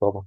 طبعا.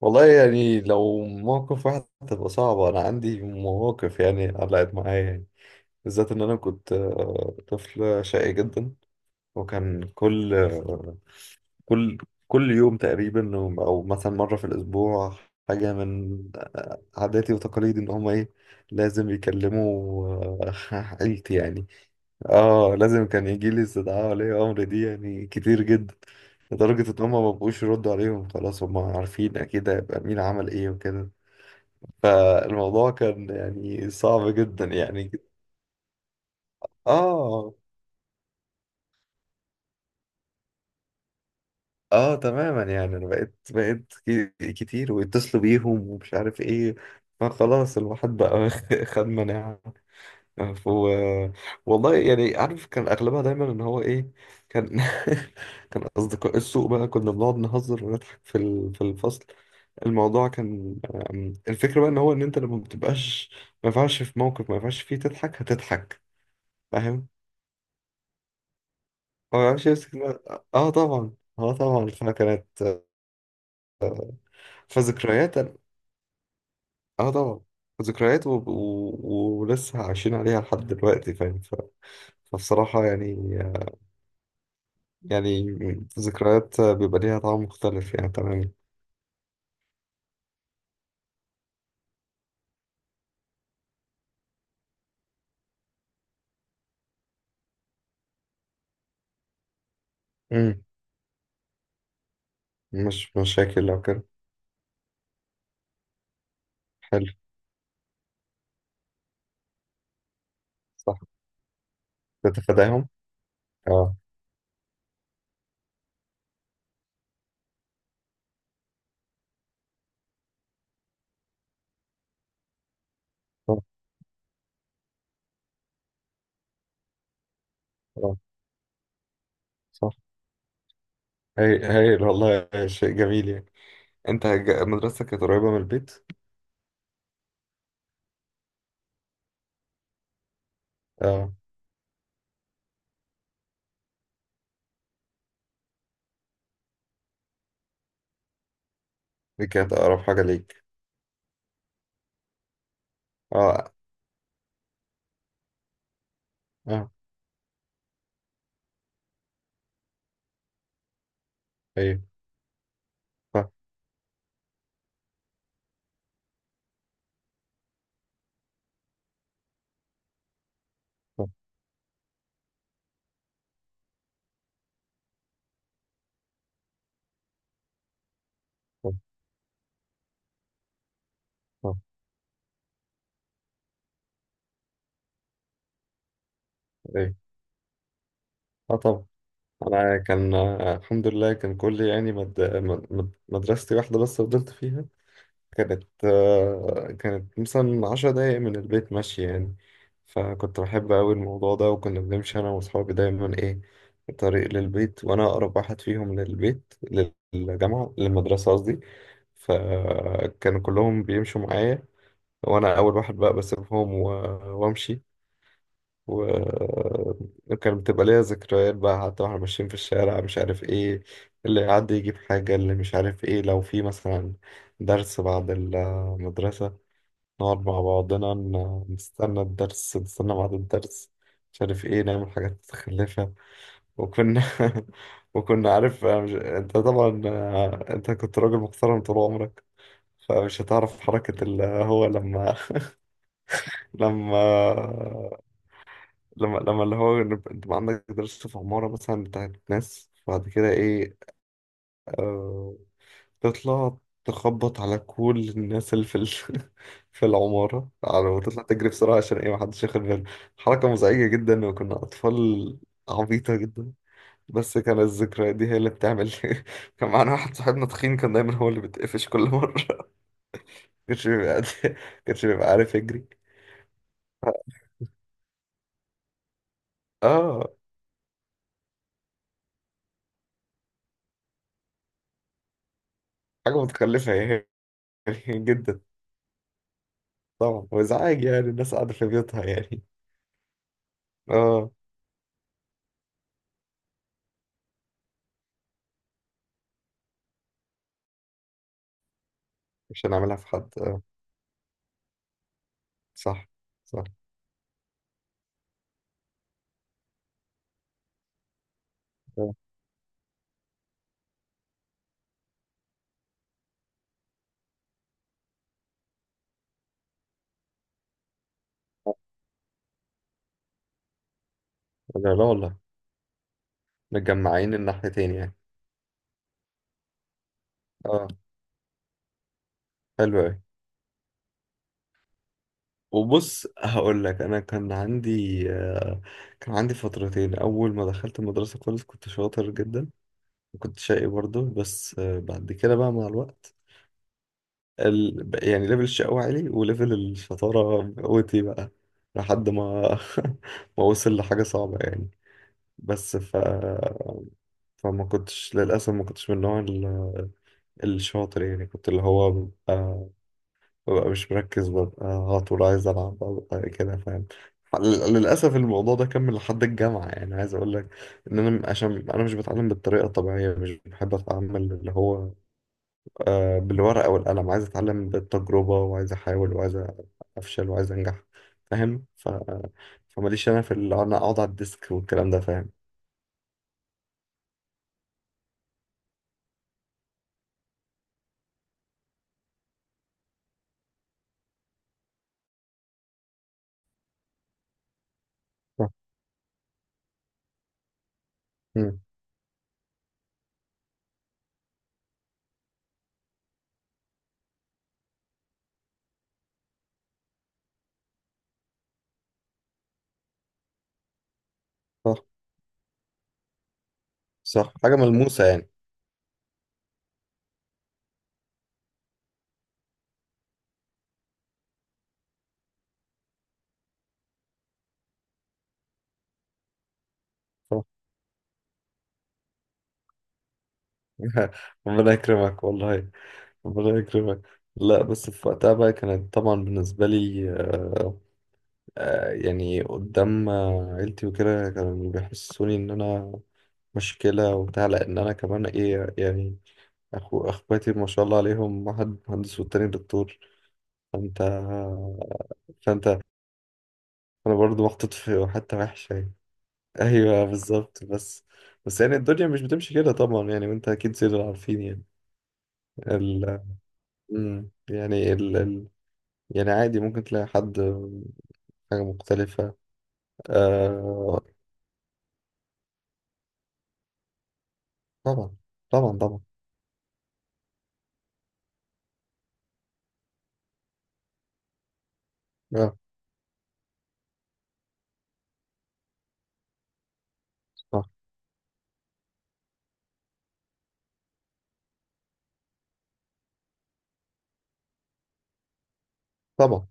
والله يعني لو موقف واحد تبقى صعبة، أنا عندي مواقف يعني علقت معايا يعني. بالذات إن أنا كنت طفل شقي جدا. وكان كل آه، كل كل يوم تقريبا أو مثلا مرة في الأسبوع، حاجة من عاداتي وتقاليدي إن هما إيه، لازم يكلموا آه، عيلتي يعني. اه، لازم كان يجي لي استدعاء ولي امر دي يعني كتير جدا، لدرجة ان هم ما بقوش يردوا عليهم خلاص، هم عارفين اكيد هيبقى مين عمل ايه وكده. فالموضوع كان يعني صعب جدا يعني. اه اه تماما، يعني انا بقيت كتير ويتصلوا بيهم ومش عارف ايه، فخلاص الواحد بقى خد مناعة. ف- و... والله يعني عارف كان اغلبها دايما ان هو ايه، كان كان اصدقاء السوق بقى، كنا بنقعد نهزر ونضحك في الفصل. الموضوع كان الفكره بقى ان هو ان انت لما بتبقاش، ما ينفعش في موقف ما ينفعش فيه تضحك، هتضحك، فاهم. هو ما يعرفش يمسك بقى. اه طبعا، اه طبعا فكانت. فذكريات أنا- اه طبعا، ذكريات ولسه عايشين عليها لحد دلوقتي فاهم. فبصراحه يعني، يعني ذكريات بيبقى ليها طعم مختلف يعني. تمام. مم. مش مشاكل لو كده. حلو. صح. بتتفاداهم اه. صح اه. صح. هاي، هايل والله، شيء جميل يعني. انت مدرستك كانت قريبة من البيت؟ اه دي كانت اقرب حاجة ليك. اه اه ايوه. صح صح صح صح ايوه. اه طبعا، انا كان الحمد لله، كان كل يعني مدرستي واحدة بس فضلت فيها. كانت كانت مثلا 10 دقايق من البيت ماشية يعني. فكنت بحب أوي الموضوع ده، وكنا بنمشي أنا وأصحابي دايما إيه طريق للبيت، وأنا أقرب واحد فيهم للبيت، للجامعة، للمدرسة قصدي. فكانوا كلهم بيمشوا معايا، وأنا أول واحد بقى بسيبهم وأمشي. وكان بتبقى ليا ذكريات بقى، حتى واحنا ماشيين في الشارع مش عارف ايه اللي يعدي يجيب حاجة، اللي مش عارف ايه، لو في مثلا درس بعد المدرسة، نقعد مع بعضنا نستنى الدرس، نستنى بعد الدرس، مش عارف ايه، نعمل حاجات متخلفة. وكنا وكنا عارف، أنا مش... انت طبعا انت كنت راجل محترم طول عمرك، فمش هتعرف حركة اللي هو لما لما لما اللي هو إن انت بقى عندك دراسة في عمارة مثلا بتاعت ناس، بعد كده ايه، آه تطلع تخبط على كل الناس اللي في العمارة، على وتطلع تجري بسرعة عشان ايه محدش ياخد باله. حركة مزعجة جدا، وكنا أطفال عبيطة جدا، بس كان الذكريات دي هي اللي بتعمل. كان معانا واحد صاحبنا تخين كان دايما هو اللي بيتقفش كل مرة. كانش بيبقى كانش بيبقى عارف يجري. اه، حاجة متخلفة يعني. جدا. طبعا، وازعاج يعني الناس قاعدة في بيوتها يعني. اه مش هنعملها في حد اه. صح صح آه. لا لا والله. متجمعين الناحيتين يعني. اه حلو أوي. وبص هقول لك، انا كان عندي فترتين اول ما دخلت المدرسه خالص كنت شاطر جدا، وكنت شقي برضه، بس بعد كده بقى مع الوقت، يعني ليفل الشقاوة عالي وليفل الشطاره قوتي بقى، لحد ما ما وصل لحاجه صعبه يعني. بس فما كنتش للأسف، ما كنتش من النوع الشاطر يعني، كنت اللي هو ببقى مش مركز، ببقى على طول عايز ألعب، ببقى كده فاهم. للأسف الموضوع ده كمل لحد الجامعة يعني، عايز أقول لك إن أنا عشان أنا مش بتعلم بالطريقة الطبيعية، مش بحب أتعامل اللي هو بالورقة والقلم، عايز أتعلم بالتجربة، وعايز أحاول، وعايز أفشل، وعايز أنجح فاهم. فماليش أنا في اللي أنا أقعد على الديسك والكلام ده فاهم. صح. مم. صح. صح، حاجة ملموسة يعني. ربنا يكرمك والله، ربنا يكرمك. لا بس في وقتها بقى كانت طبعا بالنسبة لي يعني قدام عيلتي وكده كانوا بيحسوني إن أنا مشكلة وبتاع، لأن أنا كمان إيه يعني، أخو أخواتي ما شاء الله عليهم واحد مهندس والتاني دكتور. فأنت فأنت أنا برضو محطوط في حتة وحشة يعني. أيوه بالظبط. بس يعني الدنيا مش بتمشي كده طبعا يعني، وأنت أكيد زي ما عارفين يعني. مم. يعني يعني عادي ممكن تلاقي حد حاجة مختلفة. آه... طبعا طبعا طبعا. آه. صح. طبعا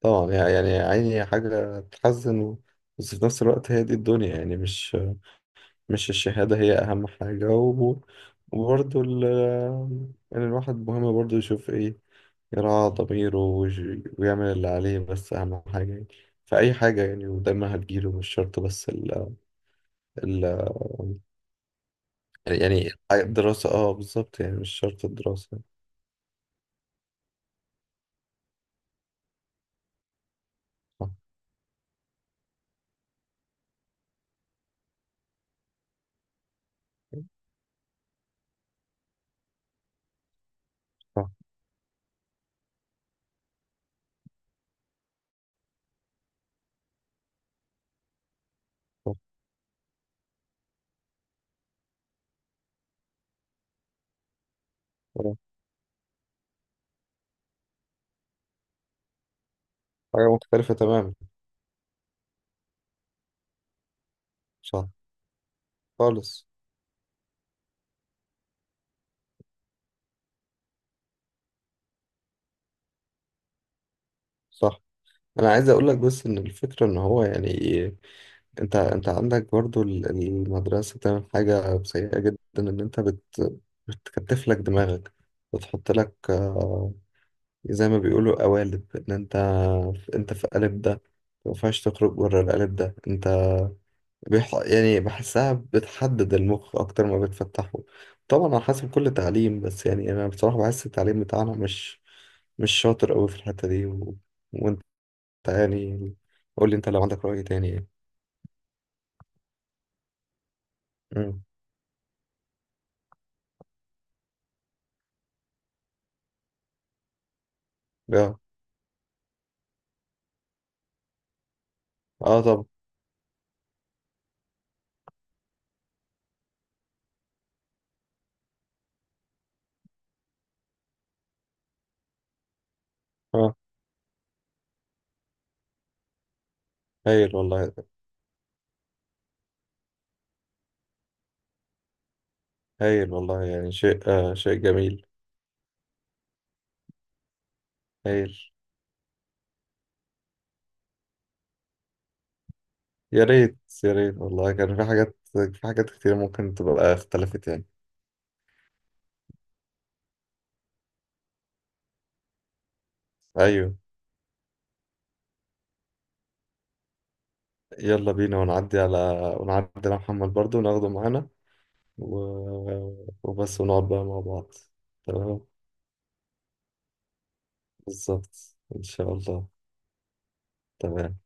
طبعا يعني، يعني عيني حاجة تحزن، بس في نفس الوقت هي دي الدنيا يعني، مش مش الشهادة هي أهم حاجة، و... وبرضه يعني الواحد مهم برضه يشوف إيه، يراعى ضميره، ويعمل اللي عليه، بس أهم حاجة يعني في أي حاجة يعني، ودايما هتجيله، مش شرط بس ال... يعني حاجة دراسة، اه بالظبط يعني، مش شرط الدراسة يعني. صح صح صح صح. حاجة مختلفة تماما. صح. خالص. صح. أنا عايز أقول لك بس إن الفكرة إن هو يعني، أنت عندك برضو المدرسة بتعمل حاجة سيئة جدا، إن أنت بتكتف لك دماغك، بتحط لك زي ما بيقولوا قوالب، إن أنت في قالب ده ما ينفعش تخرج بره القالب ده، انت يعني بحسها بتحدد المخ أكتر ما بتفتحه. طبعا على حسب كل تعليم، بس يعني أنا بصراحة بحس التعليم بتاعنا مش شاطر أوي في الحتة دي، وأنت يعني قول لي أنت لو عندك رأي تاني يعني. مم. آه. آه طب. آه. هايل والله، هايل والله يعني، شيء شيء جميل. هايل. يا ريت، يا ريت والله كان في حاجات كتير ممكن تبقى اختلفت يعني. أيوه. يلا بينا ونعدي على، ونعدي على محمد برضو وناخده معانا، و... وبس ونقعد بقى مع بعض. تمام. بالظبط إن شاء الله. تمام.